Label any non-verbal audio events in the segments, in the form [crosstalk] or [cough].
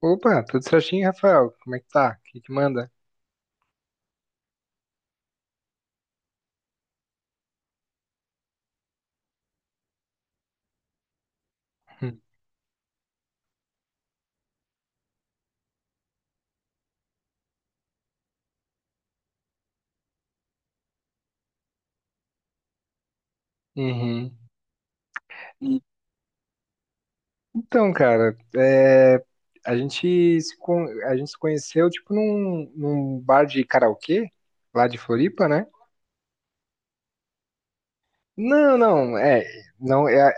Opa, tudo certinho, Rafael? Como é que tá? O que que manda? [laughs] Uhum. E- Então, cara, a gente se conheceu, tipo, num bar de karaokê, lá de Floripa, né? Não, não, é, não, é,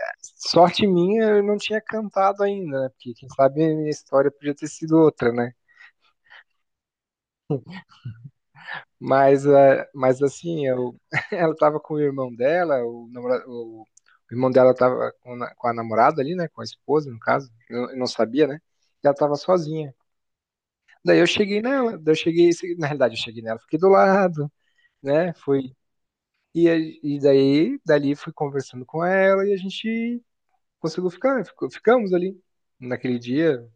sorte minha, eu não tinha cantado ainda, né? Porque quem sabe a minha história podia ter sido outra, né? Mas, é, mas assim, eu, [laughs] ela tava com o irmão dela, o irmão dela tava com a namorada ali, né? Com a esposa, no caso. Eu não sabia, né? E ela tava sozinha. Daí eu cheguei nela, daí eu cheguei, na realidade eu cheguei nela, fiquei do lado, né? Fui, e daí, dali fui conversando com ela e a gente ficamos ali naquele dia.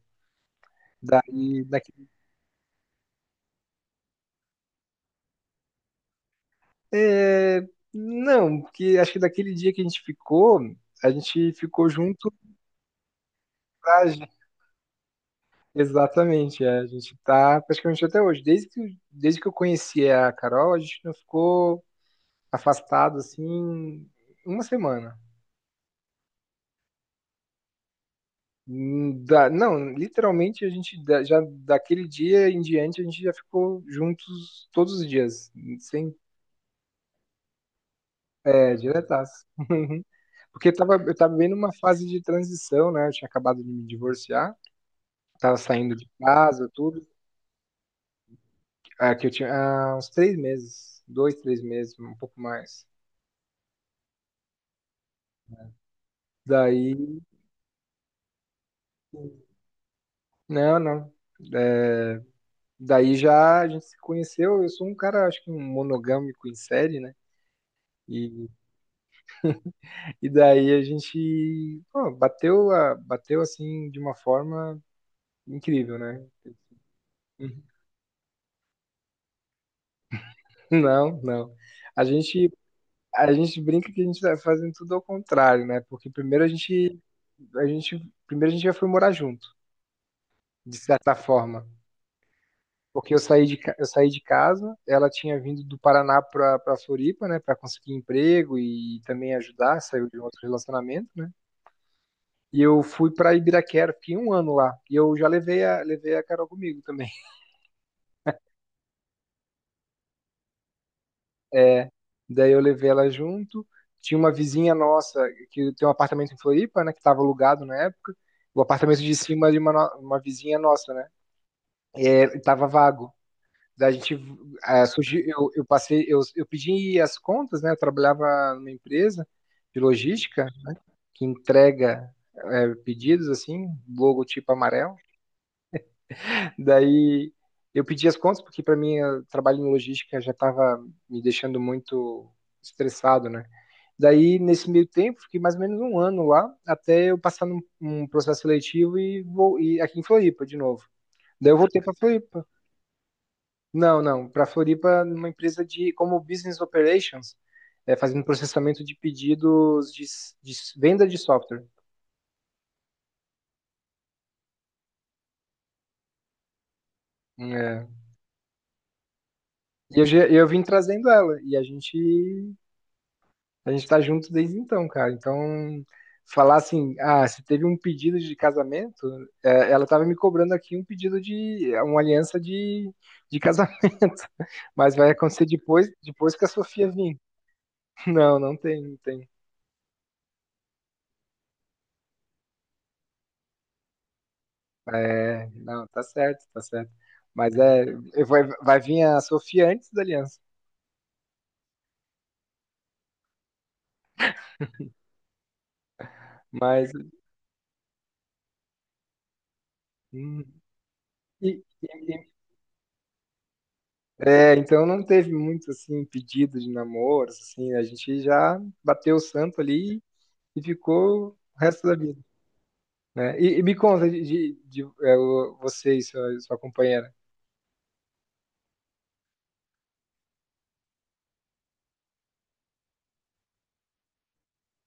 Daí, naquele, é, não, porque acho que daquele dia que a gente ficou junto. Traje. Exatamente, é, a gente tá praticamente até hoje. Desde que eu conheci a Carol, a gente não ficou afastado assim uma semana. Não, literalmente a gente da- já daquele dia em diante a gente já ficou juntos todos os dias, sem é, diretaço. [laughs] Porque eu tava bem numa fase de transição, né? Eu tinha acabado de me divorciar, tava saindo de casa, tudo. Ah, que eu tinha uns três meses, dois, três meses, um pouco mais. Daí, não, não. É, daí já a gente se conheceu. Eu sou um cara, acho que um monogâmico em série, né? E, e daí a gente, pô, bateu assim de uma forma incrível, né? [laughs] Não, não. A gente, a gente brinca que a gente tá fazendo tudo ao contrário, né? Porque primeiro a gente, primeiro a gente já foi morar junto, de certa forma. Porque eu saí de casa, ela tinha vindo do Paraná para Floripa, né, para conseguir emprego e também ajudar, saiu de um outro relacionamento, né? E eu fui para Ibiraquera, fiquei um ano lá. E eu já levei a Carol comigo também. [laughs] É, daí eu levei ela junto. Tinha uma vizinha nossa que tem um apartamento em Floripa, né, que estava alugado na época. O apartamento de cima de uma, no- uma vizinha nossa, né? Ele tava vago. A gente é, surgiu, eu passei, eu pedi as contas, né? Eu trabalhava numa empresa de logística que entrega é, pedidos assim, logotipo amarelo. Daí eu pedi as contas porque para mim o trabalho em logística já estava me deixando muito estressado, né? Daí nesse meio tempo fiquei mais ou menos um ano lá até eu passar num processo seletivo e vou e aqui em Floripa de novo. Daí eu voltei para Floripa, não, não. Para Floripa, numa empresa de como business operations, é, fazendo processamento de pedidos de venda de software. É. E eu, eu vim trazendo ela e a gente tá junto desde então, cara. Então falar assim, ah, se teve um pedido de casamento, é, ela tava me cobrando aqui um pedido de uma de casamento, [laughs] mas vai acontecer depois que a Sofia vir. Não, não tem, não tem. É, não, tá certo, tá certo. Mas é, eu vou vai vir a Sofia antes da Aliança. Mas hum, e- e- é, então não teve muito assim pedido de namoro, assim, a gente já bateu o santo ali e ficou o resto da vida, né? E me conta de, é, você e sua companheira.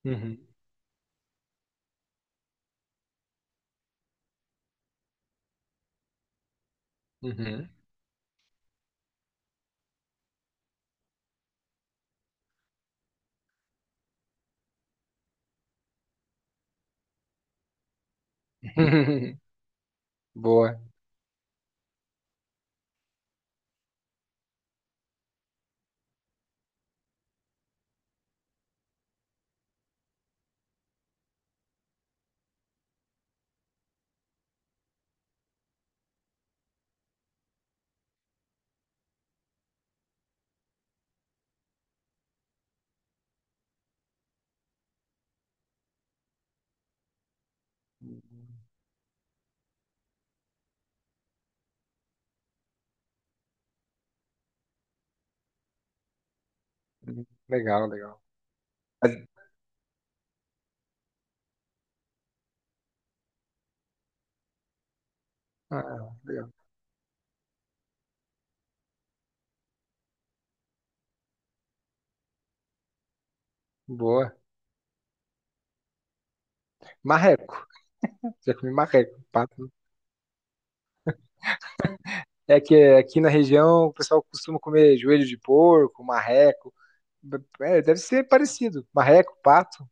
Uhum, uhum. [laughs] Boa. Legal, legal. Ah, legal. Boa. Marreco. Já comi marreco. É que aqui na região o pessoal costuma comer joelho de porco, marreco. É, deve ser parecido. Marreco, pato.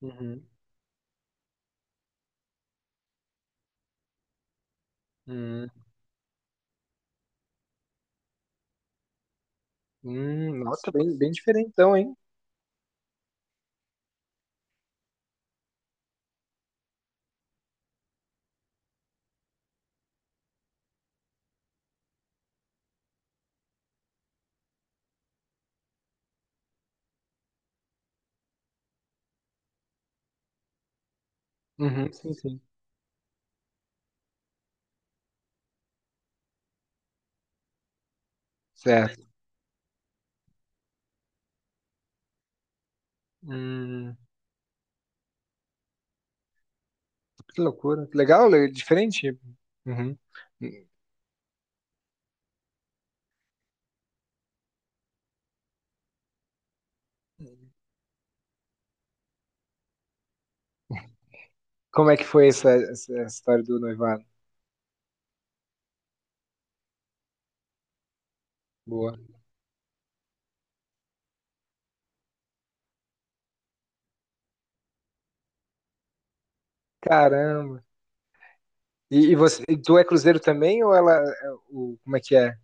Uhum. Hum, nossa, bem, bem diferentão, hein? Uhum, sim, sim. Certo. Hum, que loucura. Que diferente. Uhum. Como é que foi essa história do noivado? Boa. Caramba. E você, e tu é cruzeiro também ou ela, é o, como é que é?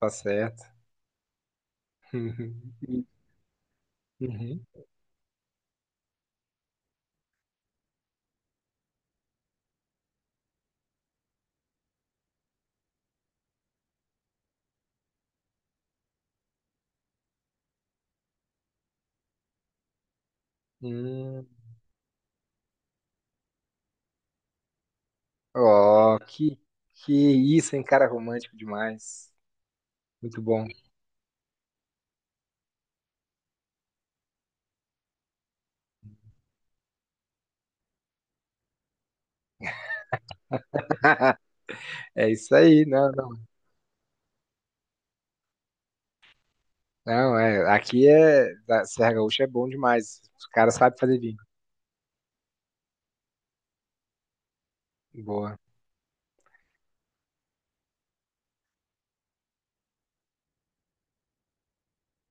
Tá certo. [laughs] Uhum. Uhum. Hum. Oh, que isso, hein, cara, romântico demais. Muito bom. [laughs] É isso aí, não, não. Não, é, aqui é, da Serra Gaúcha é bom demais. Os caras sabem fazer vinho. Boa.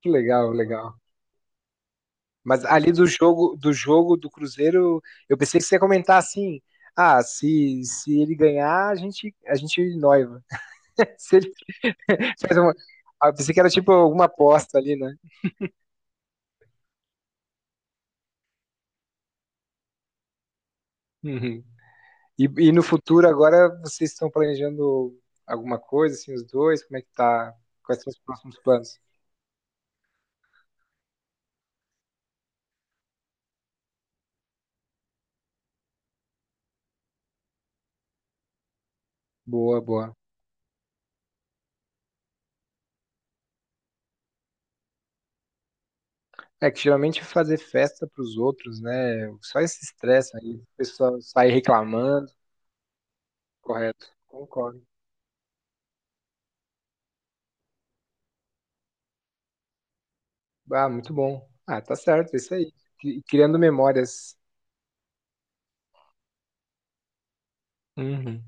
Que legal, legal. Mas ali do jogo, do Cruzeiro, eu pensei que você ia comentar assim: "Ah, se ele ganhar, a gente noiva". [laughs] Se ele faz uma, ah, eu pensei que era tipo alguma aposta ali, né? Uhum. E no futuro, agora, vocês estão planejando alguma coisa, assim, os dois? Como é que tá? Quais são os próximos planos? Boa, boa. É que geralmente fazer festa para os outros, né? Só esse estresse aí, o pessoal sai reclamando, correto? Concordo. Ah, muito bom. Ah, tá certo, é isso aí. Criando memórias. Uhum.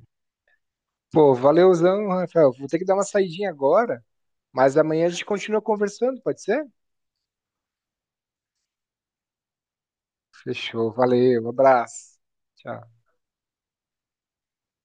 Pô, valeuzão, Rafael. Vou ter que dar uma saidinha agora, mas amanhã a gente continua conversando, pode ser? Fechou, valeu, abraço. Tchau.